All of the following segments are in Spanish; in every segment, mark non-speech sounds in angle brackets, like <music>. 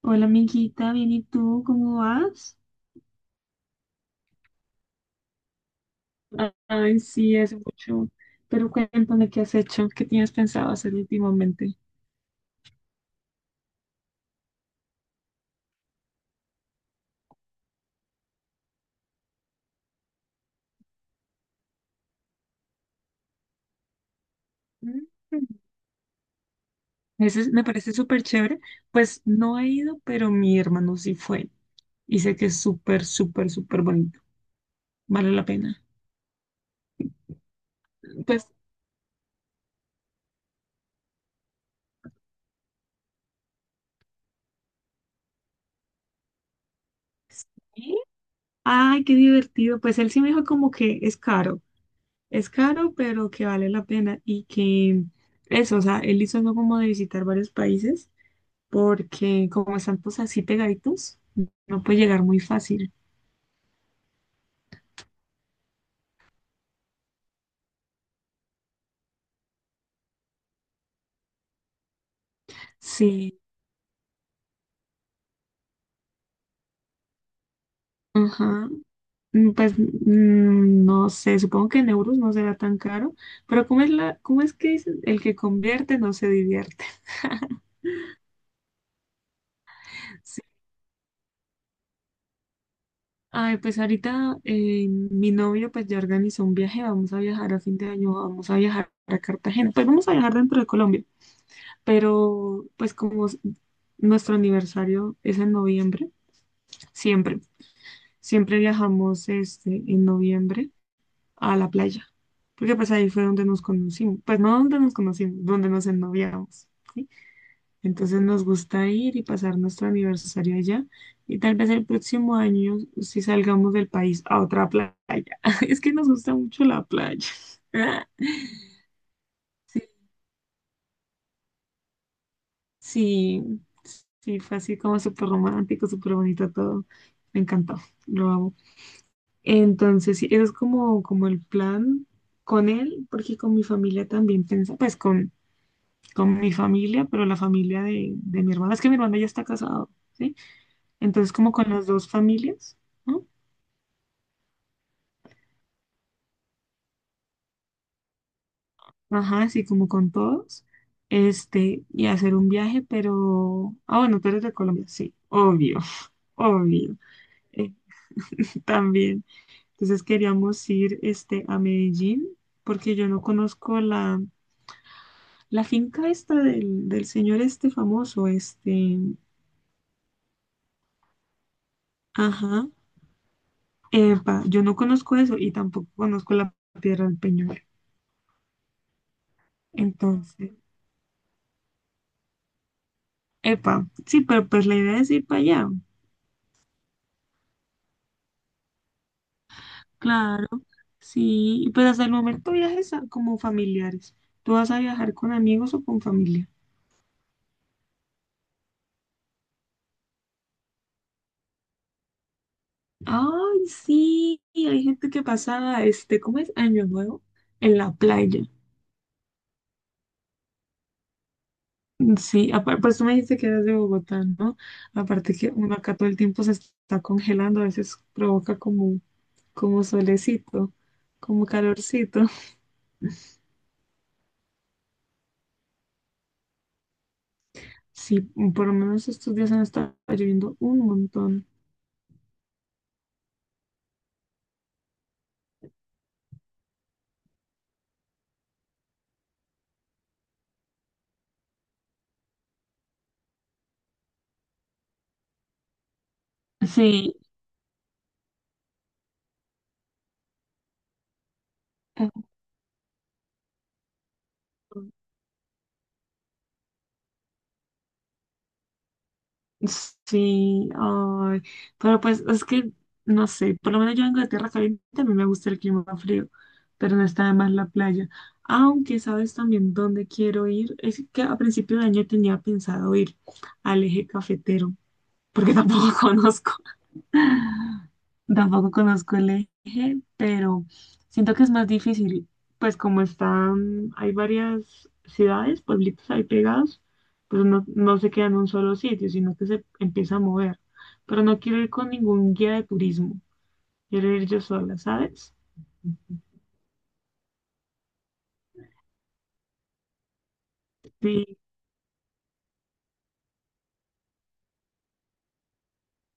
Hola, amiguita, bien, ¿y tú cómo vas? Ay, sí, hace mucho. Pero cuéntame qué has hecho, qué tienes pensado hacer últimamente. Mm. Me parece súper chévere. Pues no he ido, pero mi hermano sí fue. Y sé que es súper, súper, súper bonito. Vale la pena. Pues sí. Ay, qué divertido. Pues él sí me dijo como que es caro, pero que vale la pena y que eso, o sea, él hizo algo como de visitar varios países porque como están pues así pegaditos, no puede llegar muy fácil. Sí, ajá. Pues no sé, supongo que en euros no será tan caro, pero ¿cómo es cómo es que dicen? El que convierte no se divierte. <laughs> Ay, pues ahorita mi novio pues ya organizó un viaje, vamos a viajar a fin de año, vamos a viajar a Cartagena, pues vamos a viajar dentro de Colombia, pero nuestro aniversario es en noviembre, siempre, siempre viajamos este, en noviembre a la playa, porque pues ahí fue donde nos conocimos, pues no donde nos conocimos, donde nos ennoviamos, ¿sí? Entonces nos gusta ir y pasar nuestro aniversario allá y tal vez el próximo año si salgamos del país a otra playa. <laughs> Es que nos gusta mucho la playa. <laughs> Sí, sí, sí, fue así como súper romántico, súper bonito todo. Me encantó, lo amo. Entonces, sí, eso es como, como el plan con él, porque con mi familia también con mi familia, pero la familia de mi hermana, es que mi hermana ya está casada. ¿Sí? Entonces, como con las dos familias, ¿no? Ajá, así como con todos, este, y hacer un viaje, pero, ah, bueno, tú eres de Colombia, sí, obvio, <laughs> obvio, eh, también. Entonces queríamos ir, este, a Medellín, porque yo no conozco la finca esta del señor este famoso, este, ajá, epa, yo no conozco eso y tampoco conozco la Piedra del Peñol. Entonces, epa, sí, pero pues la idea es ir para allá. Claro, sí. Y pues hasta el momento como familiares. ¿Tú vas a viajar con amigos o con familia? Ay, sí. Hay gente que pasa, este, ¿cómo es? Año Nuevo en la playa. Sí, pues tú me dijiste que eras de Bogotá, ¿no? Aparte que uno acá todo el tiempo se está congelando, a veces provoca como, como solecito, como calorcito. Sí, por lo menos estos días han estado lloviendo un montón. Sí. Sí, ay, pero no sé, por lo menos yo vengo de tierra caliente, a mí me gusta el clima frío, pero no está de más la playa. Aunque sabes también dónde quiero ir, es que a principio de año tenía pensado ir al eje cafetero, porque tampoco <laughs> conozco. Tampoco conozco el eje, pero siento que es más difícil, pues como están, hay varias ciudades, pueblitos ahí pegados, pues no se queda en un solo sitio, sino que se empieza a mover. Pero no quiero ir con ningún guía de turismo, quiero ir yo sola, ¿sabes? Sí.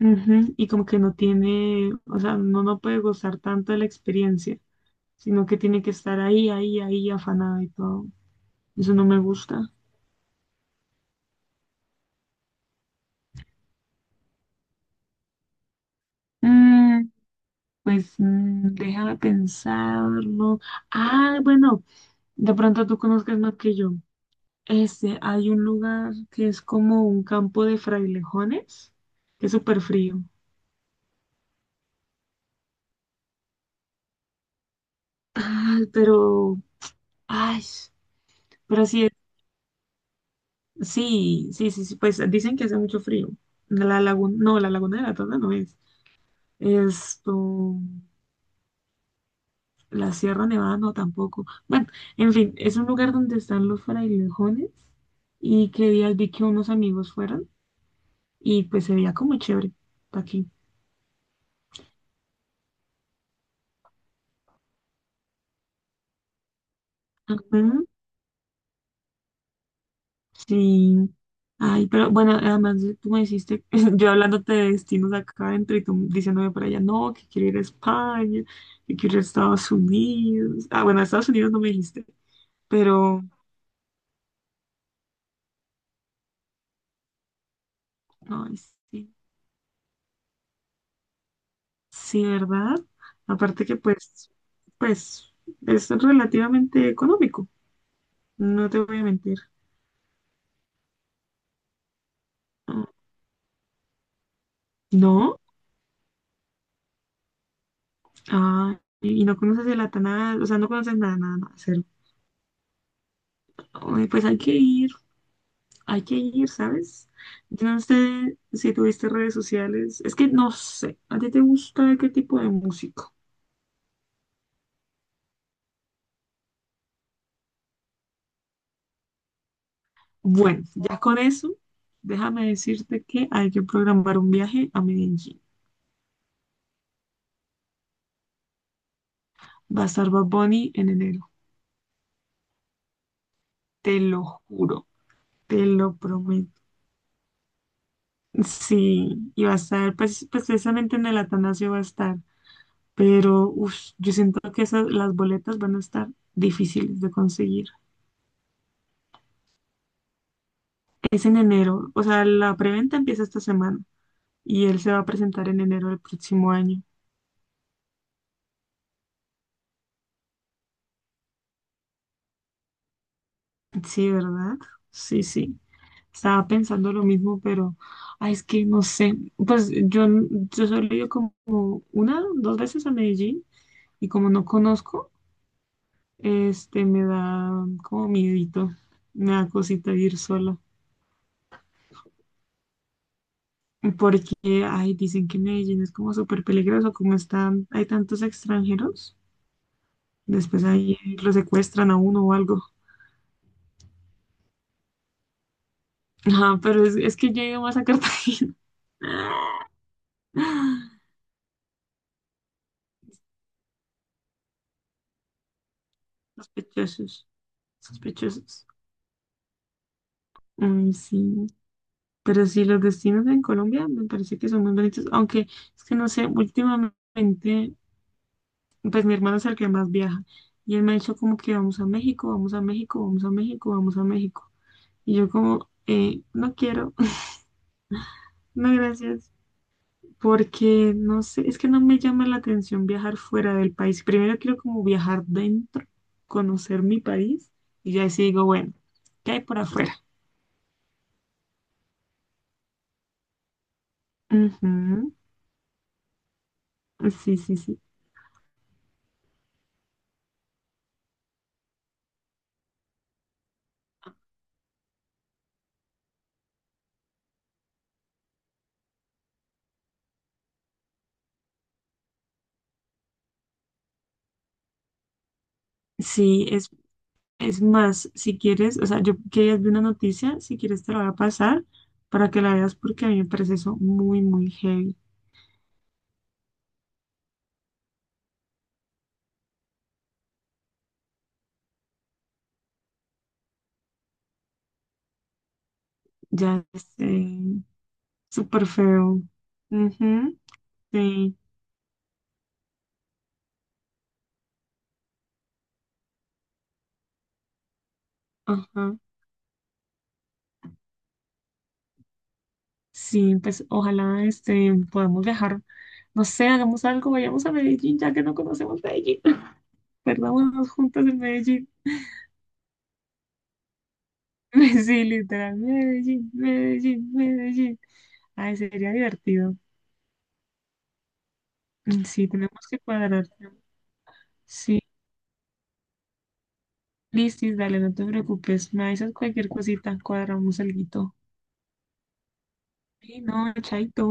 Ujú. Y como que no tiene, o sea, no puede gozar tanto de la experiencia, sino que tiene que estar ahí, afanada y todo. Eso no me gusta. Mm. Pues déjame pensarlo. Ah, bueno, de pronto tú conozcas más que yo. Este, hay un lugar que es como un campo de frailejones, que es súper frío. Ay, pero, ay, pero sí, es- sí, sí, sí, sí, pues dicen que hace mucho frío. La laguna de la Tona no es. Esto, la Sierra Nevada no tampoco. Bueno, en fin, es un lugar donde están los frailejones y que días vi que unos amigos fueron. Y pues se veía como chévere aquí. Ujú. Sí. Ay, pero bueno, tú me hiciste, <laughs> yo hablándote de destinos acá adentro y tú diciéndome por allá, no, que quiero ir a España, que quiero ir a Estados Unidos. Ah, bueno, a Estados Unidos no me dijiste, pero, ay, sí, sí, ¿verdad? Aparte que pues, es relativamente económico, no te voy a mentir. Ah. No, ah, y no conoces el Atanás, o sea, no conoces nada, nada, nada, cero. Ay, pues hay que ir, ¿sabes? Yo no sé si tuviste redes sociales, es que no sé, ¿a ti te gusta qué tipo de música? Bueno, ya con eso, déjame decirte que hay que programar un viaje a Medellín. Va a estar Bad Bunny en enero, te lo juro, te lo prometo. Sí, y va a estar, pues, precisamente en el Atanasio va a estar, pero uf, yo siento que las boletas van a estar difíciles de conseguir. Es en enero, o sea, la preventa empieza esta semana y él se va a presentar en enero del próximo año. Sí, ¿verdad? Sí, sí. Estaba pensando lo mismo, pero, ay, es que no sé. Pues yo, yo solo he ido como una, dos veces a Medellín y como no conozco, este, me da como miedito, me da cosita ir sola. Porque, ay, dicen que Medellín es como súper peligroso, como están, hay tantos extranjeros, después ahí lo secuestran a uno o algo. Ajá, pero es que yo he ido más a Cartagena. <laughs> Sospechosos, sospechosos. Ay, sí. Pero sí, los destinos en Colombia me parece que son muy bonitos, aunque es que no sé, últimamente, pues mi hermano es el que más viaja y él me ha dicho como que vamos a México, vamos a México, vamos a México, vamos a México. Y yo como, no quiero, <laughs> no gracias. Porque no sé, es que no me llama la atención viajar fuera del país. Primero quiero como viajar dentro, conocer mi país y ya así digo, bueno, ¿qué hay por afuera? Ujú. Sí, sí, sí. Sí, es más, si quieres, o sea, yo quería ver una noticia, si quieres te la voy a pasar para que la veas porque a mí me parece eso muy, muy heavy. Ya es súper feo. Ujú. Sí, ajá. Sí, pues ojalá este, podamos viajar. No sé, hagamos algo, vayamos a Medellín, ya que no conocemos Medellín. <laughs> Perdámonos juntos en Medellín. <laughs> Sí, literal, Medellín, Medellín, Medellín. Ay, sería divertido. Mm. Sí, tenemos que cuadrar. Sí, listis, dale, no te preocupes. Me avisas cualquier cosita, cuadramos el guito. Sí, no, chaito.